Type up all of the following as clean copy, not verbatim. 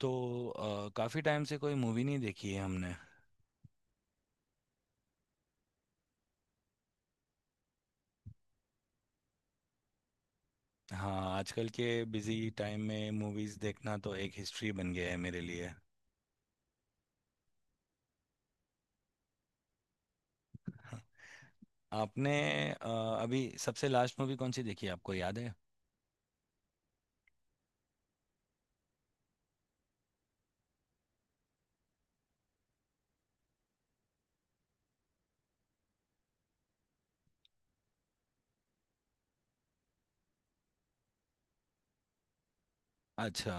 तो काफी टाइम से कोई मूवी नहीं देखी है हमने। हाँ, आजकल के बिजी टाइम में मूवीज देखना तो एक हिस्ट्री बन गया है मेरे लिए। हाँ। आपने अ, अभी सबसे लास्ट मूवी कौन सी देखी है? आपको याद है? अच्छा।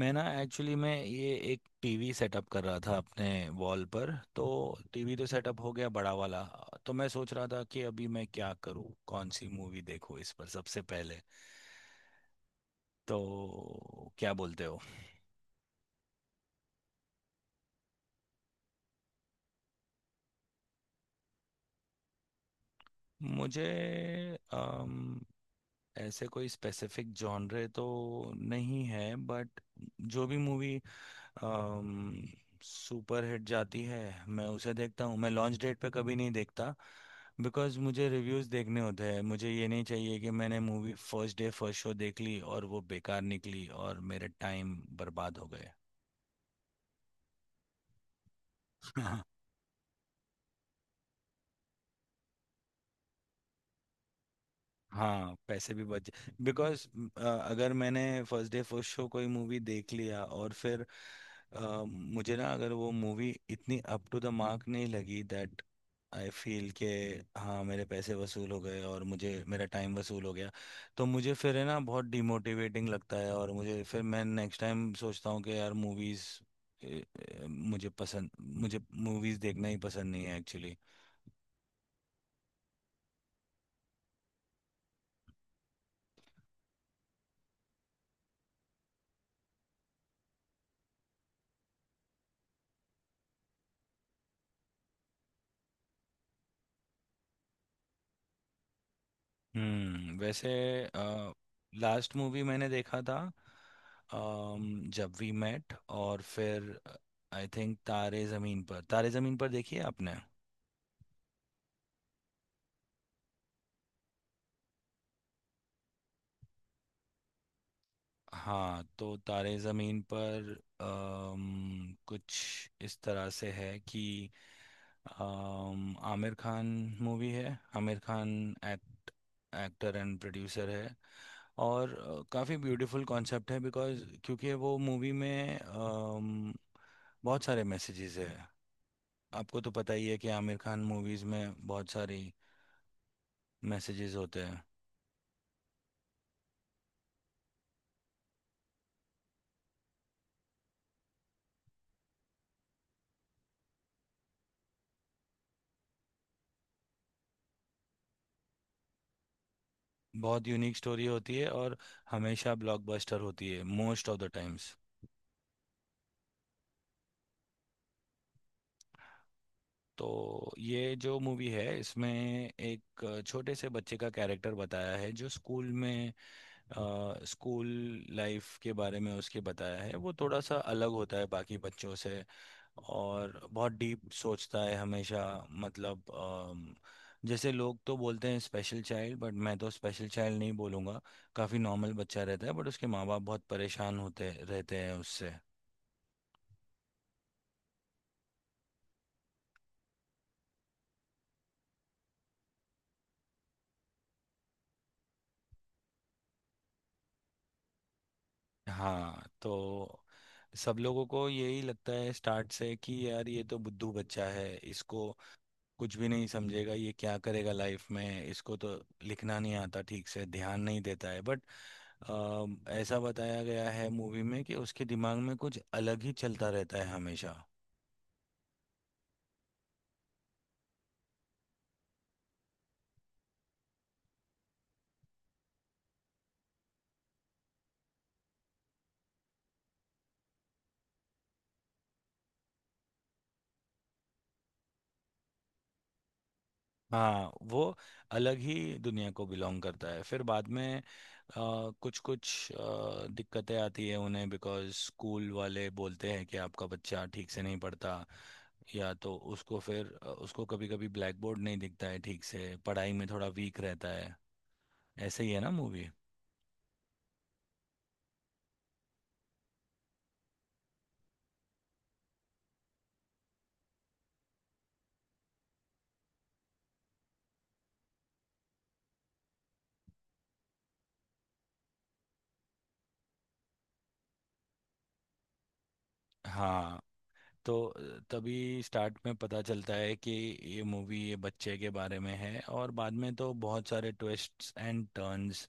मैं ना एक्चुअली, मैं ये एक टीवी सेटअप कर रहा था अपने वॉल पर। तो टीवी तो सेटअप हो गया, बड़ा वाला। तो मैं सोच रहा था कि अभी मैं क्या करूँ, कौन सी मूवी देखूँ इस पर सबसे पहले। तो क्या बोलते हो? मुझे ऐसे कोई स्पेसिफिक जॉनरे तो नहीं है, बट जो भी मूवी सुपर हिट जाती है मैं उसे देखता हूँ। मैं लॉन्च डेट पे कभी नहीं देखता। बिकॉज मुझे रिव्यूज़ देखने होते हैं। मुझे ये नहीं चाहिए कि मैंने movie first day first show देख ली और वो बेकार निकली और मेरे टाइम बर्बाद हो गए। हाँ, पैसे भी बच। बिकॉज अगर मैंने फर्स्ट डे फर्स्ट शो कोई मूवी देख लिया और फिर मुझे ना, अगर वो मूवी इतनी अप टू द मार्क नहीं लगी, दैट आई फील के हाँ, मेरे पैसे वसूल हो गए और मुझे मेरा टाइम वसूल हो गया। तो मुझे फिर, है ना, बहुत डिमोटिवेटिंग लगता है और मुझे फिर, मैं नेक्स्ट टाइम सोचता हूँ कि यार, मुझे पसंद मुझे मूवीज़ देखना ही पसंद नहीं है एक्चुअली। हम्म, वैसे लास्ट मूवी मैंने देखा था जब वी मेट। और फिर आई थिंक तारे ज़मीन पर। तारे ज़मीन पर देखी है आपने? हाँ, तो तारे ज़मीन पर कुछ इस तरह से है कि आमिर खान मूवी है। Aamir Khan act actor and producer है। और काफ़ी ब्यूटीफुल कॉन्सेप्ट है बिकॉज क्योंकि वो मूवी में बहुत सारे मैसेजेस है। आपको तो पता ही है कि आमिर खान मूवीज़ में बहुत सारी मैसेजेस होते हैं। बहुत यूनिक स्टोरी होती है और हमेशा ब्लॉकबस्टर होती है मोस्ट ऑफ द टाइम्स। तो ये जो मूवी है इसमें एक छोटे से बच्चे का कैरेक्टर बताया है जो स्कूल लाइफ के बारे में, उसके बताया है। वो थोड़ा सा अलग होता है बाकी बच्चों से, और बहुत डीप सोचता है हमेशा। मतलब, जैसे लोग तो बोलते हैं स्पेशल चाइल्ड, बट मैं तो स्पेशल चाइल्ड नहीं बोलूँगा। काफ़ी नॉर्मल बच्चा रहता है, बट उसके माँ बाप बहुत परेशान होते रहते हैं उससे। हाँ, तो सब लोगों को यही लगता है स्टार्ट से कि यार, ये तो बुद्धू बच्चा है, इसको कुछ भी नहीं समझेगा, ये क्या करेगा लाइफ में, इसको तो लिखना नहीं आता ठीक से, ध्यान नहीं देता है। बट ऐसा बताया गया है मूवी में कि उसके दिमाग में कुछ अलग ही चलता रहता है हमेशा। हाँ, वो अलग ही दुनिया को बिलोंग करता है। फिर बाद में कुछ कुछ दिक्कतें आती है उन्हें बिकॉज स्कूल वाले बोलते हैं कि आपका बच्चा ठीक से नहीं पढ़ता, या तो उसको फिर, उसको कभी कभी ब्लैक बोर्ड नहीं दिखता है ठीक से, पढ़ाई में थोड़ा वीक रहता है। ऐसे ही है ना मूवी? हाँ, तो तभी स्टार्ट में पता चलता है कि ये मूवी ये बच्चे के बारे में है, और बाद में तो बहुत सारे ट्विस्ट्स एंड टर्न्स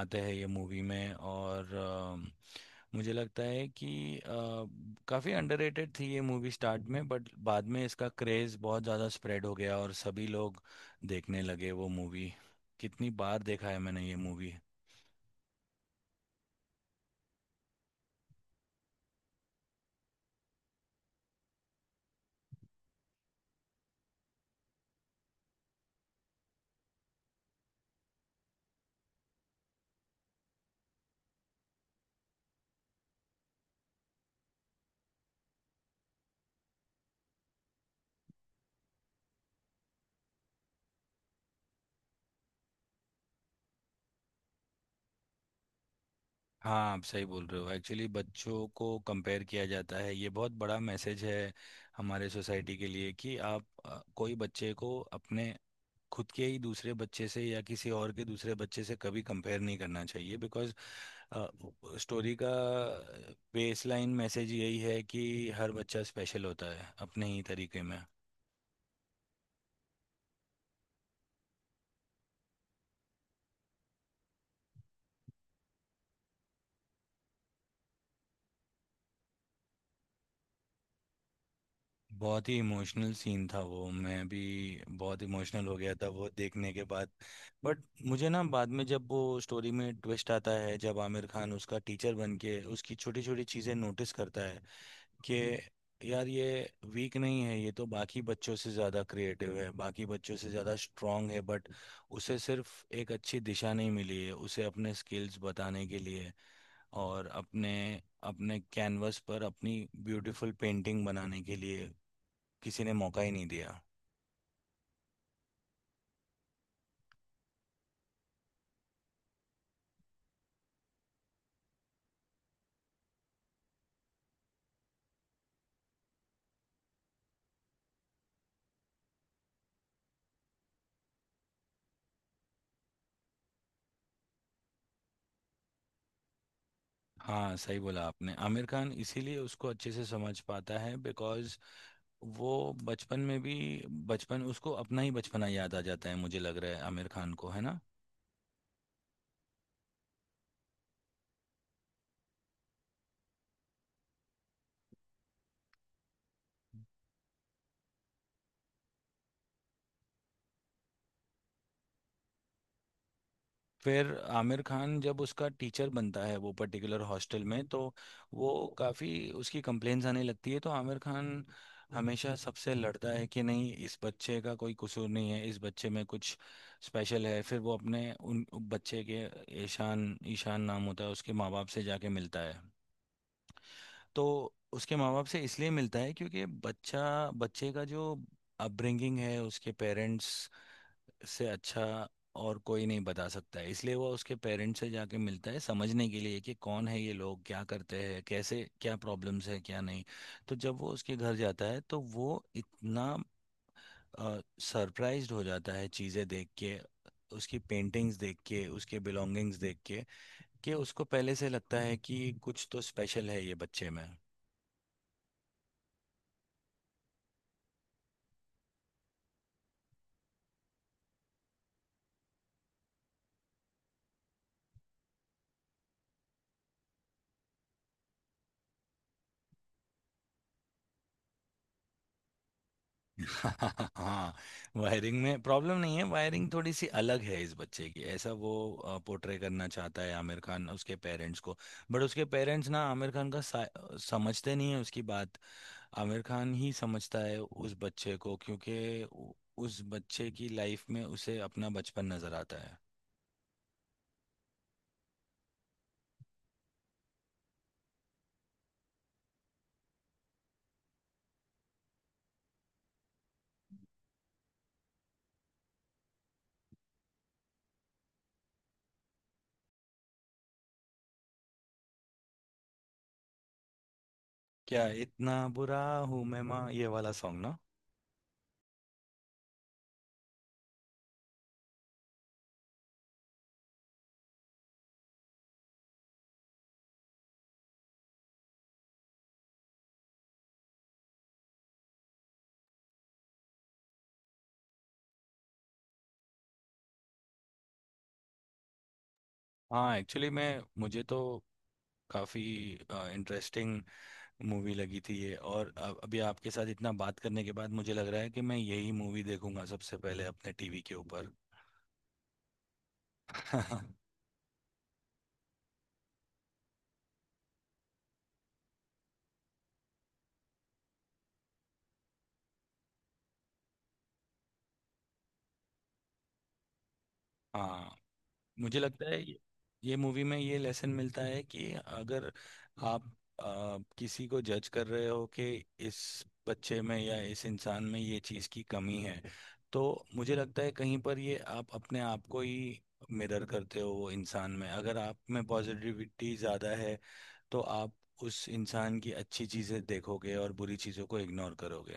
आते हैं ये मूवी में। और मुझे लगता है कि अ, काफ़ी अंडररेटेड थी ये मूवी स्टार्ट में, बट बाद में इसका क्रेज़ बहुत ज़्यादा स्प्रेड हो गया और सभी लोग देखने लगे वो मूवी। कितनी बार देखा है मैंने ये मूवी! हाँ, आप सही बोल रहे हो। एक्चुअली बच्चों को कंपेयर किया जाता है, ये बहुत बड़ा मैसेज है हमारे सोसाइटी के लिए कि आप कोई बच्चे को अपने खुद के ही दूसरे बच्चे से या किसी और के दूसरे बच्चे से कभी कंपेयर नहीं करना चाहिए। बिकॉज स्टोरी का बेसलाइन मैसेज यही है कि हर बच्चा स्पेशल होता है अपने ही तरीके में। बहुत ही इमोशनल सीन था वो, मैं भी बहुत इमोशनल हो गया था वो देखने के बाद। बट मुझे ना, बाद में जब वो स्टोरी में ट्विस्ट आता है जब आमिर खान उसका टीचर बन के उसकी छोटी छोटी चीज़ें नोटिस करता है कि यार, ये वीक नहीं है, ये तो बाकी बच्चों से ज़्यादा क्रिएटिव है, बाकी बच्चों से ज़्यादा स्ट्रांग है, बट उसे सिर्फ एक अच्छी दिशा नहीं मिली है उसे अपने स्किल्स बताने के लिए। और अपने अपने कैनवस पर अपनी ब्यूटीफुल पेंटिंग बनाने के लिए किसी ने मौका ही नहीं दिया। हाँ, सही बोला आपने। आमिर खान इसीलिए उसको अच्छे से समझ पाता है बिकॉज वो बचपन में भी बचपन, उसको अपना ही बचपना याद आ जाता है, मुझे लग रहा है, आमिर खान को, है ना? फिर आमिर खान जब उसका टीचर बनता है वो पर्टिकुलर हॉस्टल में, तो वो काफ़ी उसकी कंप्लेंट्स आने लगती है, तो आमिर खान हमेशा सबसे लड़ता है कि नहीं, इस बच्चे का कोई कसूर नहीं है, इस बच्चे में कुछ स्पेशल है। फिर वो अपने उन बच्चे के, ईशान ईशान नाम होता है उसके, माँ बाप से जाके मिलता है। तो उसके माँ बाप से इसलिए मिलता है क्योंकि बच्चा बच्चे का जो अपब्रिंगिंग है उसके पेरेंट्स से अच्छा और कोई नहीं बता सकता है, इसलिए वो उसके पेरेंट्स से जाके मिलता है समझने के लिए कि कौन है ये लोग, क्या करते हैं, कैसे, क्या प्रॉब्लम्स है क्या नहीं। तो जब वो उसके घर जाता है तो वो इतना सरप्राइज्ड हो जाता है चीज़ें देख के, उसकी पेंटिंग्स देख के, उसके बिलोंगिंग्स देख के, कि उसको पहले से लगता है कि कुछ तो स्पेशल है ये बच्चे में। हाँ, वायरिंग में प्रॉब्लम नहीं है, वायरिंग थोड़ी सी अलग है इस बच्चे की, ऐसा वो पोर्ट्रे करना चाहता है आमिर खान उसके पेरेंट्स को। बट उसके पेरेंट्स ना आमिर खान का समझते नहीं है उसकी बात। आमिर खान ही समझता है उस बच्चे को क्योंकि उ- उस बच्चे की लाइफ में उसे अपना बचपन नजर आता है। "क्या इतना बुरा हूँ मैं माँ", ये वाला सॉन्ग ना। हाँ, एक्चुअली मैं मुझे तो काफी इंटरेस्टिंग मूवी लगी थी ये, और अब अभी आपके साथ इतना बात करने के बाद मुझे लग रहा है कि मैं यही मूवी देखूंगा सबसे पहले अपने टीवी के ऊपर। हाँ, मुझे लगता है ये मूवी में ये लेसन मिलता है कि अगर आप किसी को जज कर रहे हो कि इस बच्चे में या इस इंसान में ये चीज़ की कमी है, तो मुझे लगता है कहीं पर ये आप अपने आप को ही मिरर करते हो वो इंसान में। अगर आप में पॉजिटिविटी ज़्यादा है तो आप उस इंसान की अच्छी चीज़ें देखोगे और बुरी चीज़ों को इग्नोर करोगे।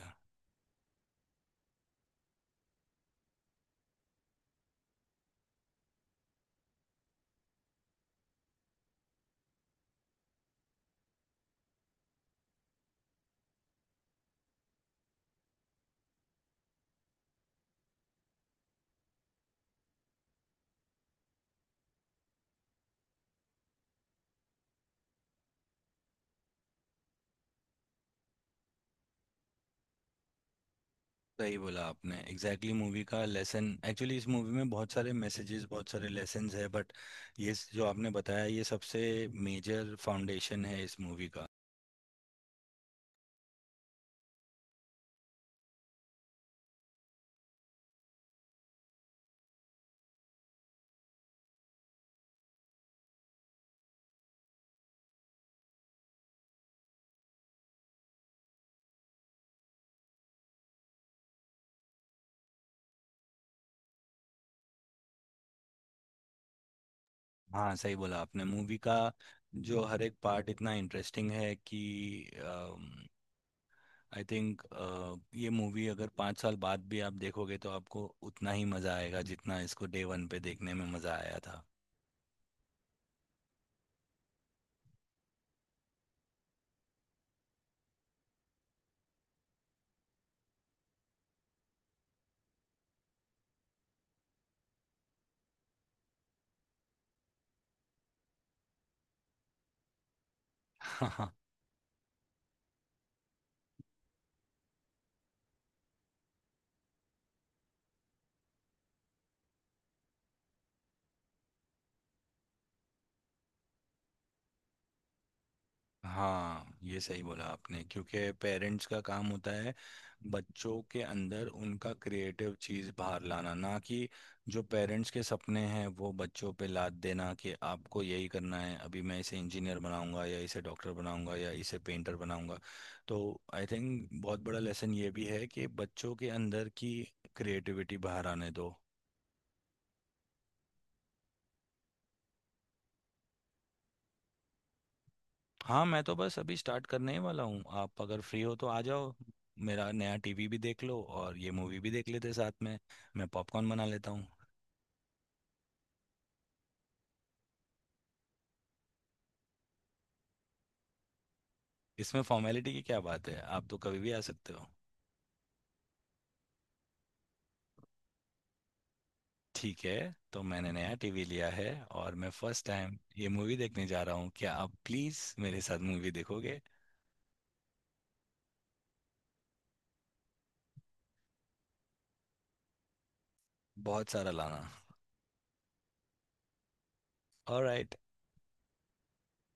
सही बोला आपने, एग्जैक्टली exactly मूवी का लेसन। एक्चुअली इस मूवी में बहुत सारे मैसेजेस, बहुत सारे लेसन्स है, बट ये जो आपने बताया ये सबसे मेजर फाउंडेशन है इस मूवी का। हाँ, सही बोला आपने। मूवी का जो हर एक पार्ट इतना इंटरेस्टिंग है कि आई थिंक ये मूवी अगर 5 साल बाद भी आप देखोगे तो आपको उतना ही मज़ा आएगा जितना इसको डे वन पे देखने में मज़ा आया था। हाँ, ये सही बोला आपने। क्योंकि पेरेंट्स का काम होता है बच्चों के अंदर उनका क्रिएटिव चीज़ बाहर लाना, ना कि जो पेरेंट्स के सपने हैं वो बच्चों पे लाद देना कि आपको यही करना है, अभी मैं इसे इंजीनियर बनाऊंगा या इसे डॉक्टर बनाऊंगा या इसे पेंटर बनाऊंगा। तो आई थिंक बहुत बड़ा लेसन ये भी है कि बच्चों के अंदर की क्रिएटिविटी बाहर आने दो। हाँ, मैं तो बस अभी स्टार्ट करने ही वाला हूँ। आप अगर फ्री हो तो आ जाओ। मेरा नया टीवी भी देख लो और ये मूवी भी देख लेते साथ में। मैं पॉपकॉर्न बना लेता हूँ। इसमें फॉर्मेलिटी की क्या बात है? आप तो कभी भी आ सकते हो। ठीक है, तो मैंने नया टीवी लिया है और मैं फर्स्ट टाइम ये मूवी देखने जा रहा हूँ। क्या आप प्लीज़ मेरे साथ मूवी देखोगे? बहुत सारा लाना। ऑलराइट।